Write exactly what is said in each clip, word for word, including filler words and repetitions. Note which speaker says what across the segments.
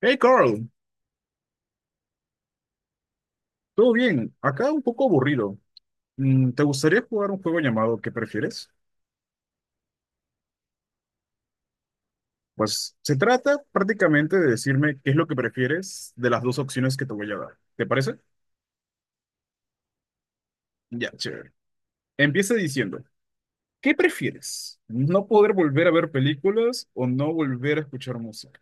Speaker 1: Hey Carl, ¿todo bien? Acá un poco aburrido. Mm, ¿Te gustaría jugar un juego llamado ¿Qué prefieres? Pues se trata prácticamente de decirme qué es lo que prefieres de las dos opciones que te voy a dar. ¿Te parece? Ya, chévere. Empieza diciendo, ¿qué prefieres? ¿No poder volver a ver películas o no volver a escuchar música?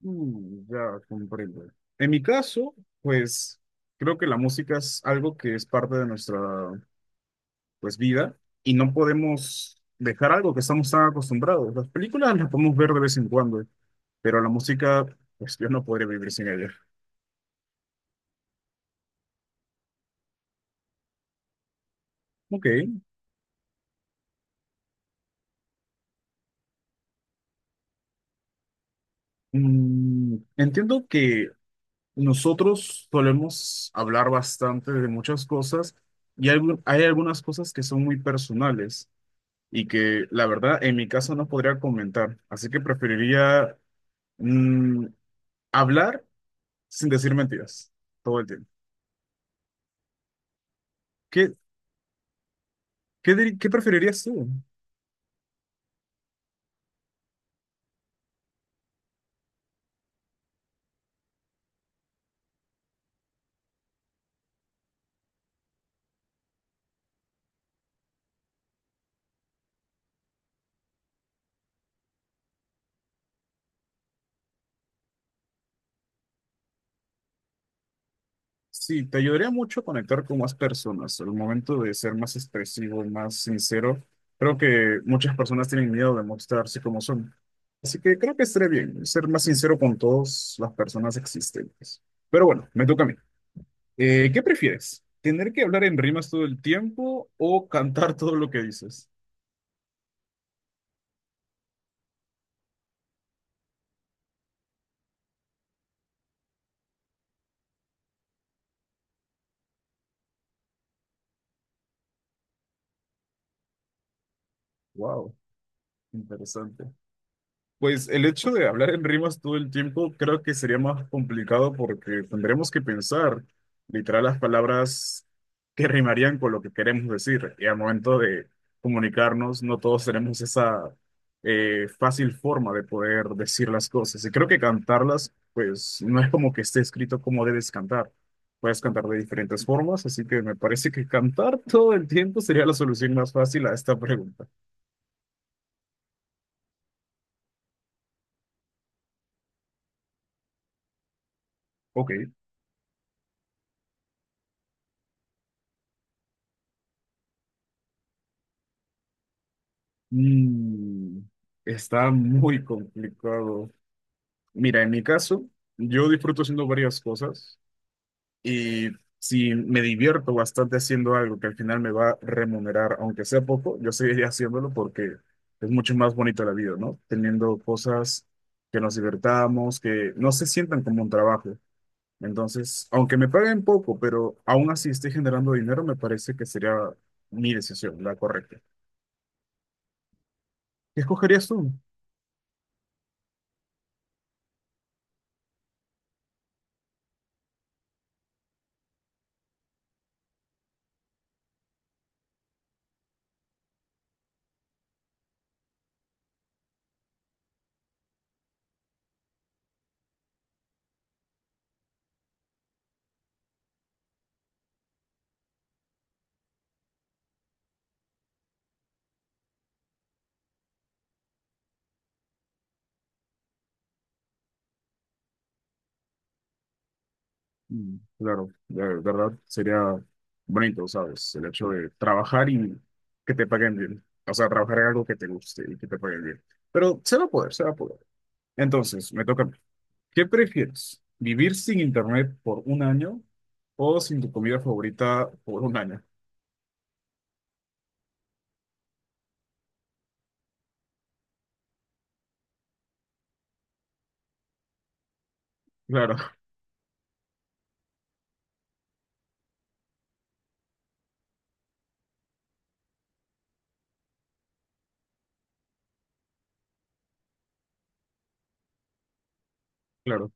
Speaker 1: Mm, ya comprendo. En mi caso, pues creo que la música es algo que es parte de nuestra pues vida y no podemos dejar algo que estamos tan acostumbrados. Las películas las podemos ver de vez en cuando, pero la música, pues yo no podría vivir sin ella. Ok, mm, entiendo que nosotros solemos hablar bastante de muchas cosas y algu- hay algunas cosas que son muy personales y que la verdad en mi caso no podría comentar, así que preferiría mm, hablar sin decir mentiras todo el tiempo. ¿Qué, qué, dir- Qué preferirías tú? Sí, te ayudaría mucho a conectar con más personas. Al momento de ser más expresivo, más sincero, creo que muchas personas tienen miedo de mostrarse como son. Así que creo que estaré bien. Ser más sincero con todas las personas existentes. Pero bueno, me toca a mí. Eh, ¿qué prefieres? ¿Tener que hablar en rimas todo el tiempo o cantar todo lo que dices? Wow, interesante. Pues el hecho de hablar en rimas todo el tiempo creo que sería más complicado porque tendremos que pensar literal las palabras que rimarían con lo que queremos decir. Y al momento de comunicarnos, no todos tenemos esa eh, fácil forma de poder decir las cosas. Y creo que cantarlas, pues no es como que esté escrito cómo debes cantar. Puedes cantar de diferentes formas, así que me parece que cantar todo el tiempo sería la solución más fácil a esta pregunta. Ok. Mm, está muy complicado. Mira, en mi caso, yo disfruto haciendo varias cosas y si me divierto bastante haciendo algo que al final me va a remunerar, aunque sea poco, yo seguiré haciéndolo porque es mucho más bonito la vida, ¿no? Teniendo cosas que nos divertamos, que no se sientan como un trabajo. Entonces, aunque me paguen poco, pero aún así esté generando dinero, me parece que sería mi decisión, la correcta. ¿Qué escogerías tú? Mm, claro, de verdad sería bonito, ¿sabes? El hecho de trabajar y que te paguen bien. O sea, trabajar en algo que te guste y que te paguen bien. Pero se va a poder, se va a poder. Entonces, me toca a mí. ¿Qué prefieres? ¿Vivir sin internet por un año o sin tu comida favorita por un año? Claro, claro.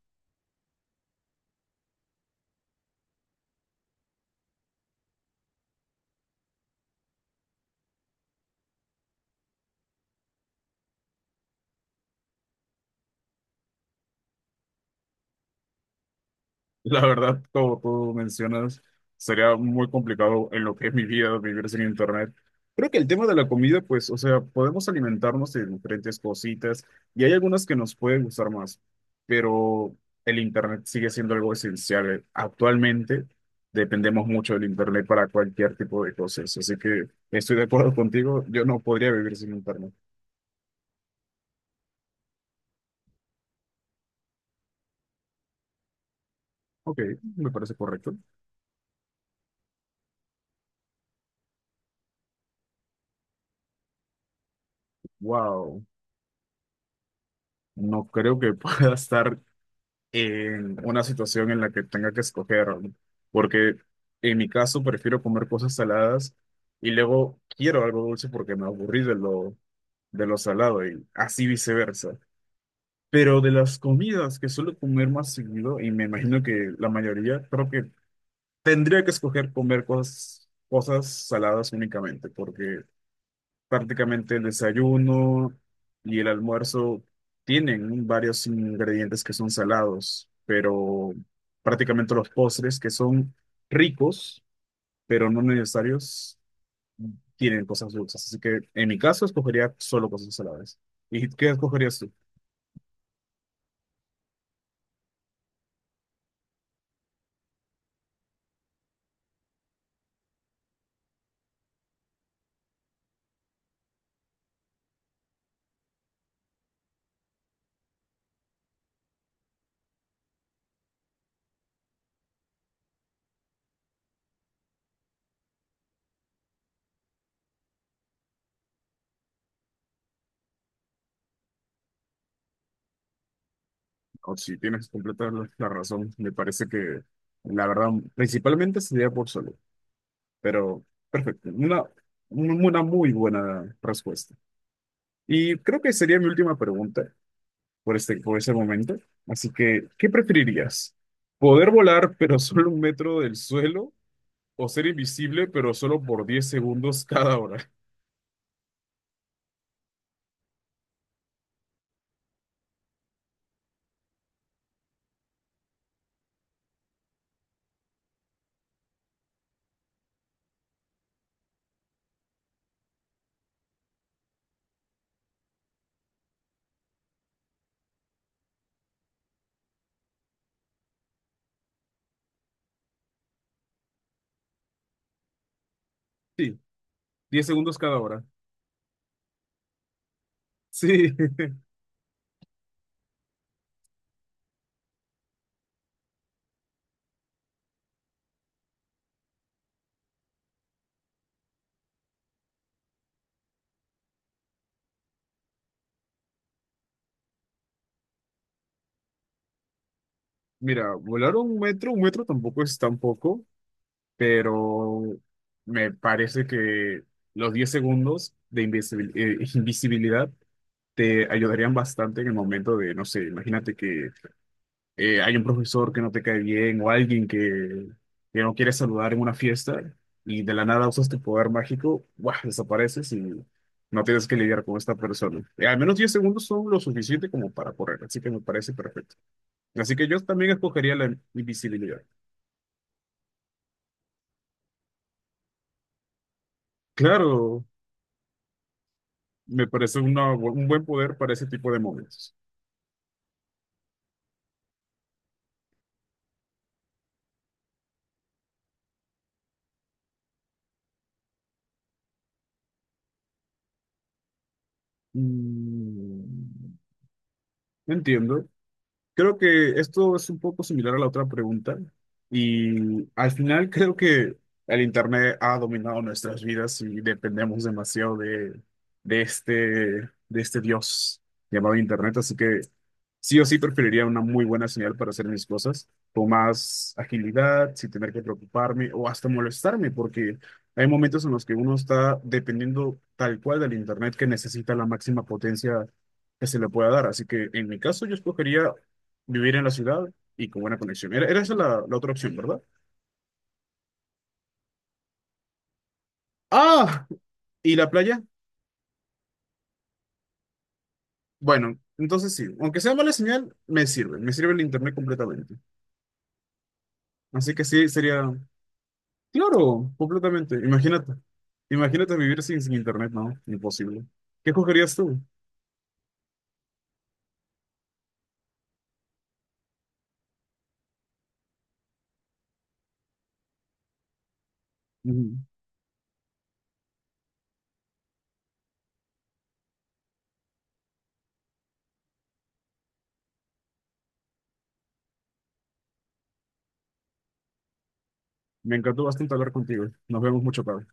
Speaker 1: La verdad, como tú mencionas, sería muy complicado en lo que es mi vida vivir sin internet. Creo que el tema de la comida, pues, o sea, podemos alimentarnos de diferentes cositas y hay algunas que nos pueden gustar más, pero el internet sigue siendo algo esencial. Actualmente dependemos mucho del internet para cualquier tipo de cosas, así que estoy de acuerdo contigo, yo no podría vivir sin internet. Ok, me parece correcto. Wow, no creo que pueda estar en una situación en la que tenga que escoger, ¿no? Porque en mi caso prefiero comer cosas saladas y luego quiero algo dulce porque me aburrí de lo, de lo salado y así viceversa. Pero de las comidas que suelo comer más seguido, y me imagino que la mayoría, creo que tendría que escoger comer cosas, cosas saladas únicamente, porque prácticamente el desayuno y el almuerzo tienen varios ingredientes que son salados, pero prácticamente los postres que son ricos, pero no necesarios, tienen cosas dulces. Así que en mi caso escogería solo cosas saladas. ¿Y qué escogerías tú? O si tienes completa la la razón, me parece que la verdad principalmente sería por solo, pero perfecto, una, una muy buena respuesta. Y creo que sería mi última pregunta. Por este, por ese momento. Así que, ¿qué preferirías? ¿Poder volar pero solo un metro del suelo o ser invisible pero solo por diez segundos cada hora? Sí, diez segundos cada hora. Sí, mira, volar un metro, un metro tampoco es tan poco, pero me parece que los diez segundos de invisibil- eh, invisibilidad te ayudarían bastante en el momento de, no sé, imagínate que eh, hay un profesor que no te cae bien o alguien que, que no quiere saludar en una fiesta y de la nada usas tu poder mágico, ¡buah! Desapareces y no tienes que lidiar con esta persona. Eh, al menos diez segundos son lo suficiente como para correr, así que me parece perfecto. Así que yo también escogería la invisibilidad. Claro, me parece una bu- un buen poder para ese tipo de momentos. Mm, entiendo. Creo que esto es un poco similar a la otra pregunta y al final creo que el internet ha dominado nuestras vidas y dependemos demasiado de, de este, de este Dios llamado internet, así que sí o sí preferiría una muy buena señal para hacer mis cosas con más agilidad, sin tener que preocuparme o hasta molestarme, porque hay momentos en los que uno está dependiendo tal cual del internet que necesita la máxima potencia que se le pueda dar. Así que en mi caso yo escogería vivir en la ciudad y con buena conexión. Era, era esa la, la otra opción, ¿verdad? ¡Ah! ¿Y la playa? Bueno, entonces sí. Aunque sea mala señal, me sirve. Me sirve el internet completamente. Así que sí, sería... Claro, completamente. Imagínate. Imagínate vivir sin, sin internet, no. Imposible. ¿Qué escogerías tú? Ujú. Me encantó bastante hablar contigo. Nos vemos mucho, tarde.